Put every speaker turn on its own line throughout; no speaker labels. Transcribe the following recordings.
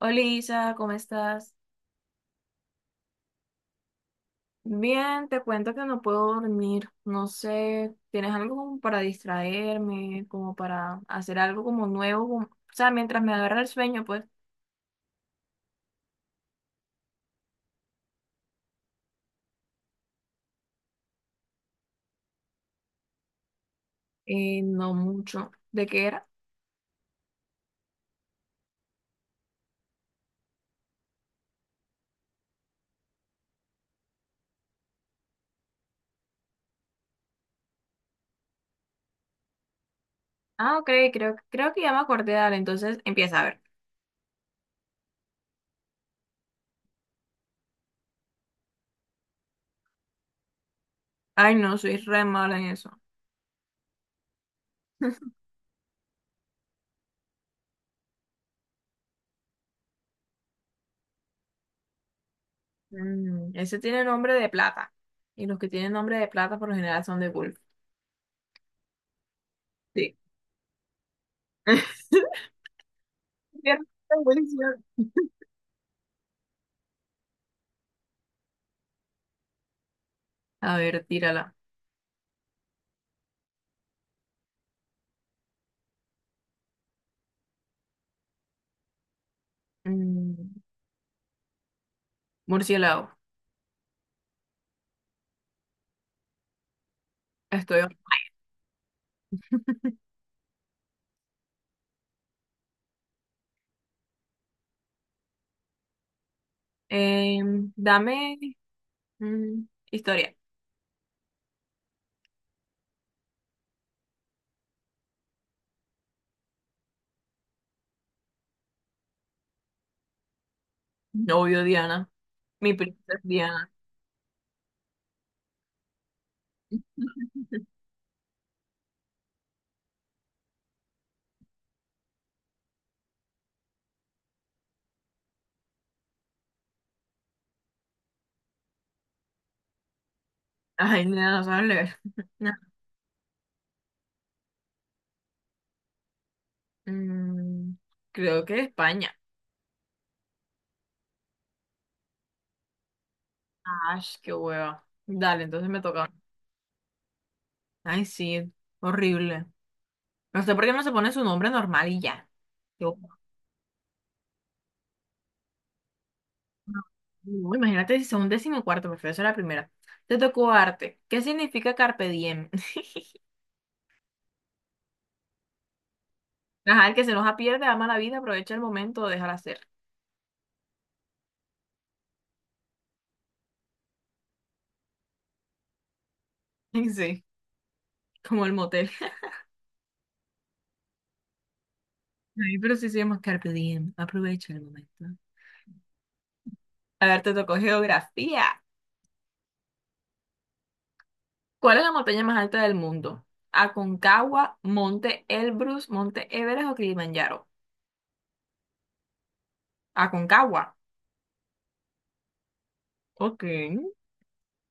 Hola Isa, ¿cómo estás? Bien, te cuento que no puedo dormir. No sé, ¿tienes algo como para distraerme, como para hacer algo como nuevo? O sea, mientras me agarra el sueño, pues, no mucho. ¿De qué era? Ah, ok, creo que ya me acordé, dale, entonces empieza a ver. Ay, no, soy re mala en eso. Ese tiene nombre de plata. Y los que tienen nombre de plata por lo general son de golf. Sí. Bien, buenísimo. A ver, tírala. Mm, murciélago. Estoy. Dame mm, historia. Novio Diana. Mi princesa Diana. Ay, nena, no sabes leer. No. Mm, creo que España. Ay, qué hueva. Dale, entonces me toca. Ay, sí, horrible. No sé por qué no se pone su nombre normal y ya. Yo hueva. No, imagínate si son un décimo cuarto, prefiero ser la primera. Te tocó arte. ¿Qué significa carpe diem? Ajá, el que se enoja pierde, ama la vida, aprovecha el momento, déjala ser. Sí. Como el motel. Ay, pero sí se llama Carpe Diem. Aprovecha el momento. A ver, te tocó geografía. ¿Cuál es la montaña más alta del mundo? ¿Aconcagua, Monte Elbrus, Monte Everest o Kilimanjaro? Aconcagua. Ok.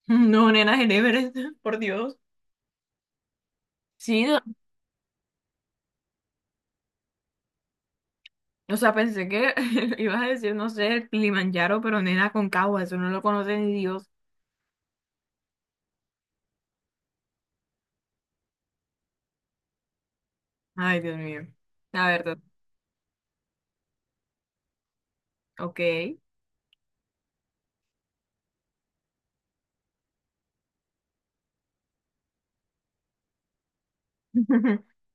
No, nena, en Everest, por Dios. Sí, o sea, pensé que ibas a decir, no sé, el Kilimanjaro, pero nena, Aconcagua, eso no lo conoce ni Dios. Ay, Dios mío. La verdad, ok.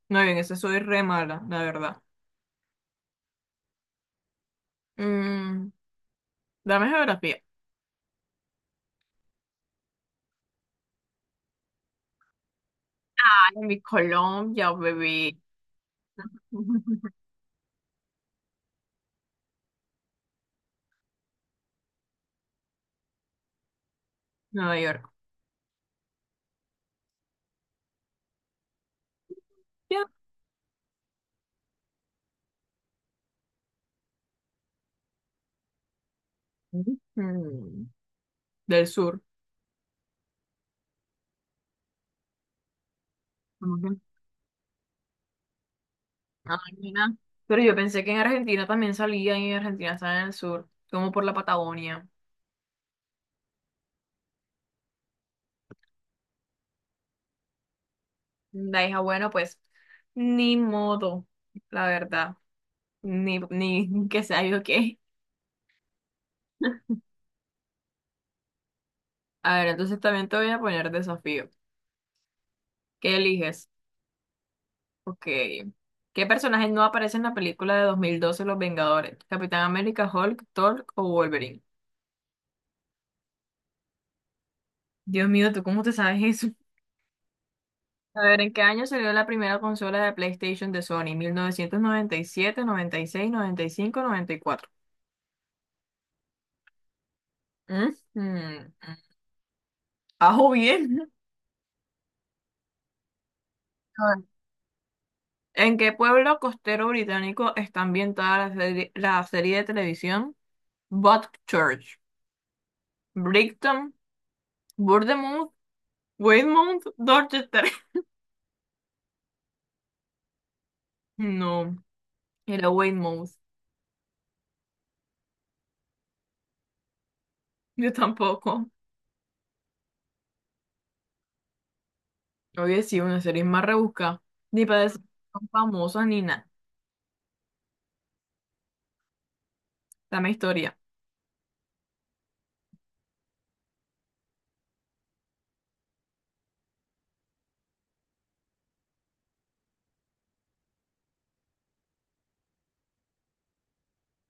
Muy bien, eso soy re mala, la verdad. Mm. Dame geografía. Ay, mi Colombia, bebé. Nueva York. Ya. Ujú. Del sur. ¿Cómo que? Ay, mira. Pero yo pensé que en Argentina también salía y en Argentina está en el sur, como por la Patagonia. La hija, bueno, pues ni modo, la verdad. Ni que sea yo qué. A ver, entonces también te voy a poner desafío. ¿Qué eliges? Ok. ¿Qué personaje no aparece en la película de 2012 Los Vengadores? ¿Capitán América, Hulk, Thor o Wolverine? Dios mío, ¿tú cómo te sabes eso? A ver, ¿en qué año salió la primera consola de PlayStation de Sony? ¿1997, 96, 95, 94? Ujú. Ajo bien. A ver, ¿en qué pueblo costero británico está ambientada la serie de televisión Church? ¿Brighton, Bournemouth, Weymouth, Dorchester? No, era Weymouth. Yo tampoco. Oye, sí, una serie más rebuscada. Ni para decir que son famosas ni nada. Dame historia.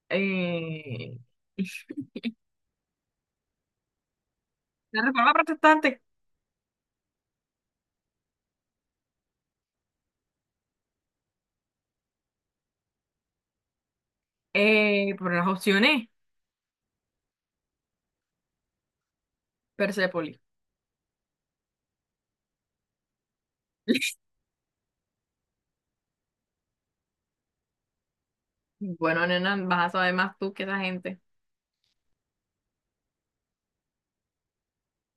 eh, la reforma protestante. Por las opciones Persépolis. Bueno, nena, vas a saber más tú que esa gente.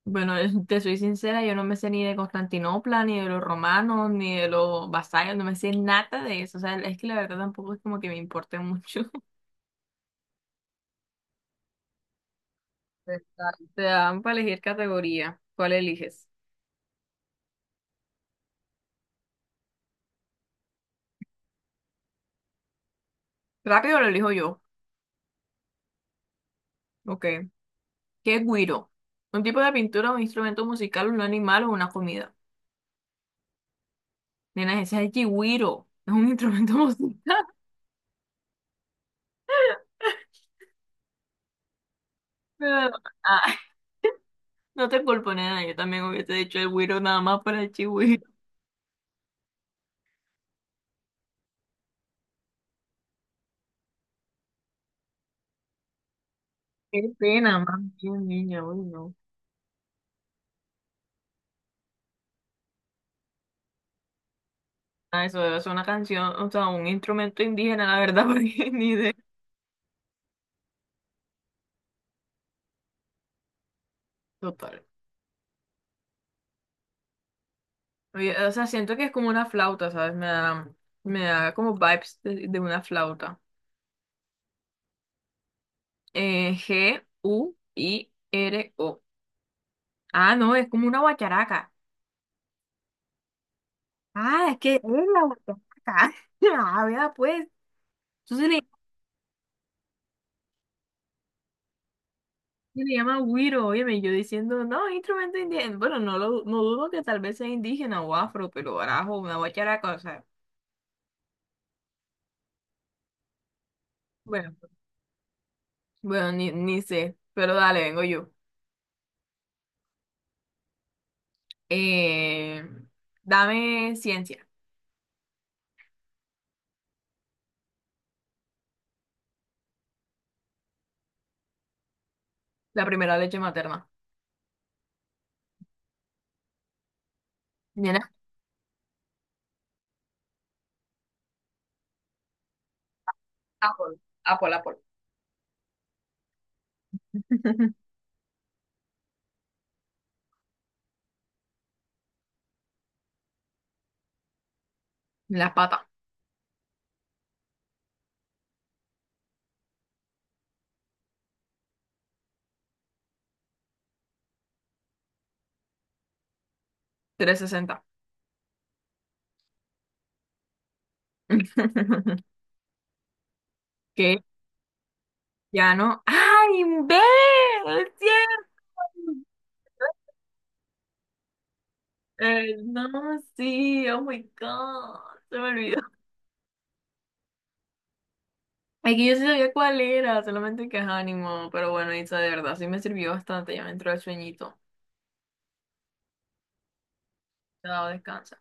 Bueno, te soy sincera, yo no me sé ni de Constantinopla, ni de los romanos, ni de los vasallos, no me sé nada de eso. O sea, es que la verdad tampoco es como que me importe mucho. Te dan para elegir categoría. ¿Cuál eliges? Rápido lo elijo yo. Ok. ¿Qué es guiro? Un tipo de pintura, un instrumento musical, un animal o una comida. Nena, ese es el chigüiro, es un instrumento musical. Pero, ah, no te culpo, nena, yo también hubiese dicho el güiro nada más para el chigüiro. Qué pena, más bien, niña, uy, no. Ah, eso debe ser una canción, o sea, un instrumento indígena, la verdad, porque ni idea. Total. Oye, o sea, siento que es como una flauta, ¿sabes? Me da como vibes de una flauta. Guiro. Ah, no, es como una guacharaca. Ah, es que es la guacharaca. Ah, vea, pues. Entonces se le llama güiro, óyeme, yo diciendo, no, instrumento indígena. Bueno, no, no dudo que tal vez sea indígena o afro, pero arajo, una guacharaca, o sea, bueno, bueno, ni sé, pero dale, vengo yo. Eh, dame ciencia, la primera leche materna. Viene Apple, Apple, Apple. Las patas, 360. Que ya no. ¡Ay, ve! ¡Es cierto! No, sí, oh my God, se me olvidó. Ay, que yo sí sabía cuál era, solamente que es ánimo, pero bueno, Isa, de verdad, sí me sirvió bastante, ya me entró el sueñito. Te descansa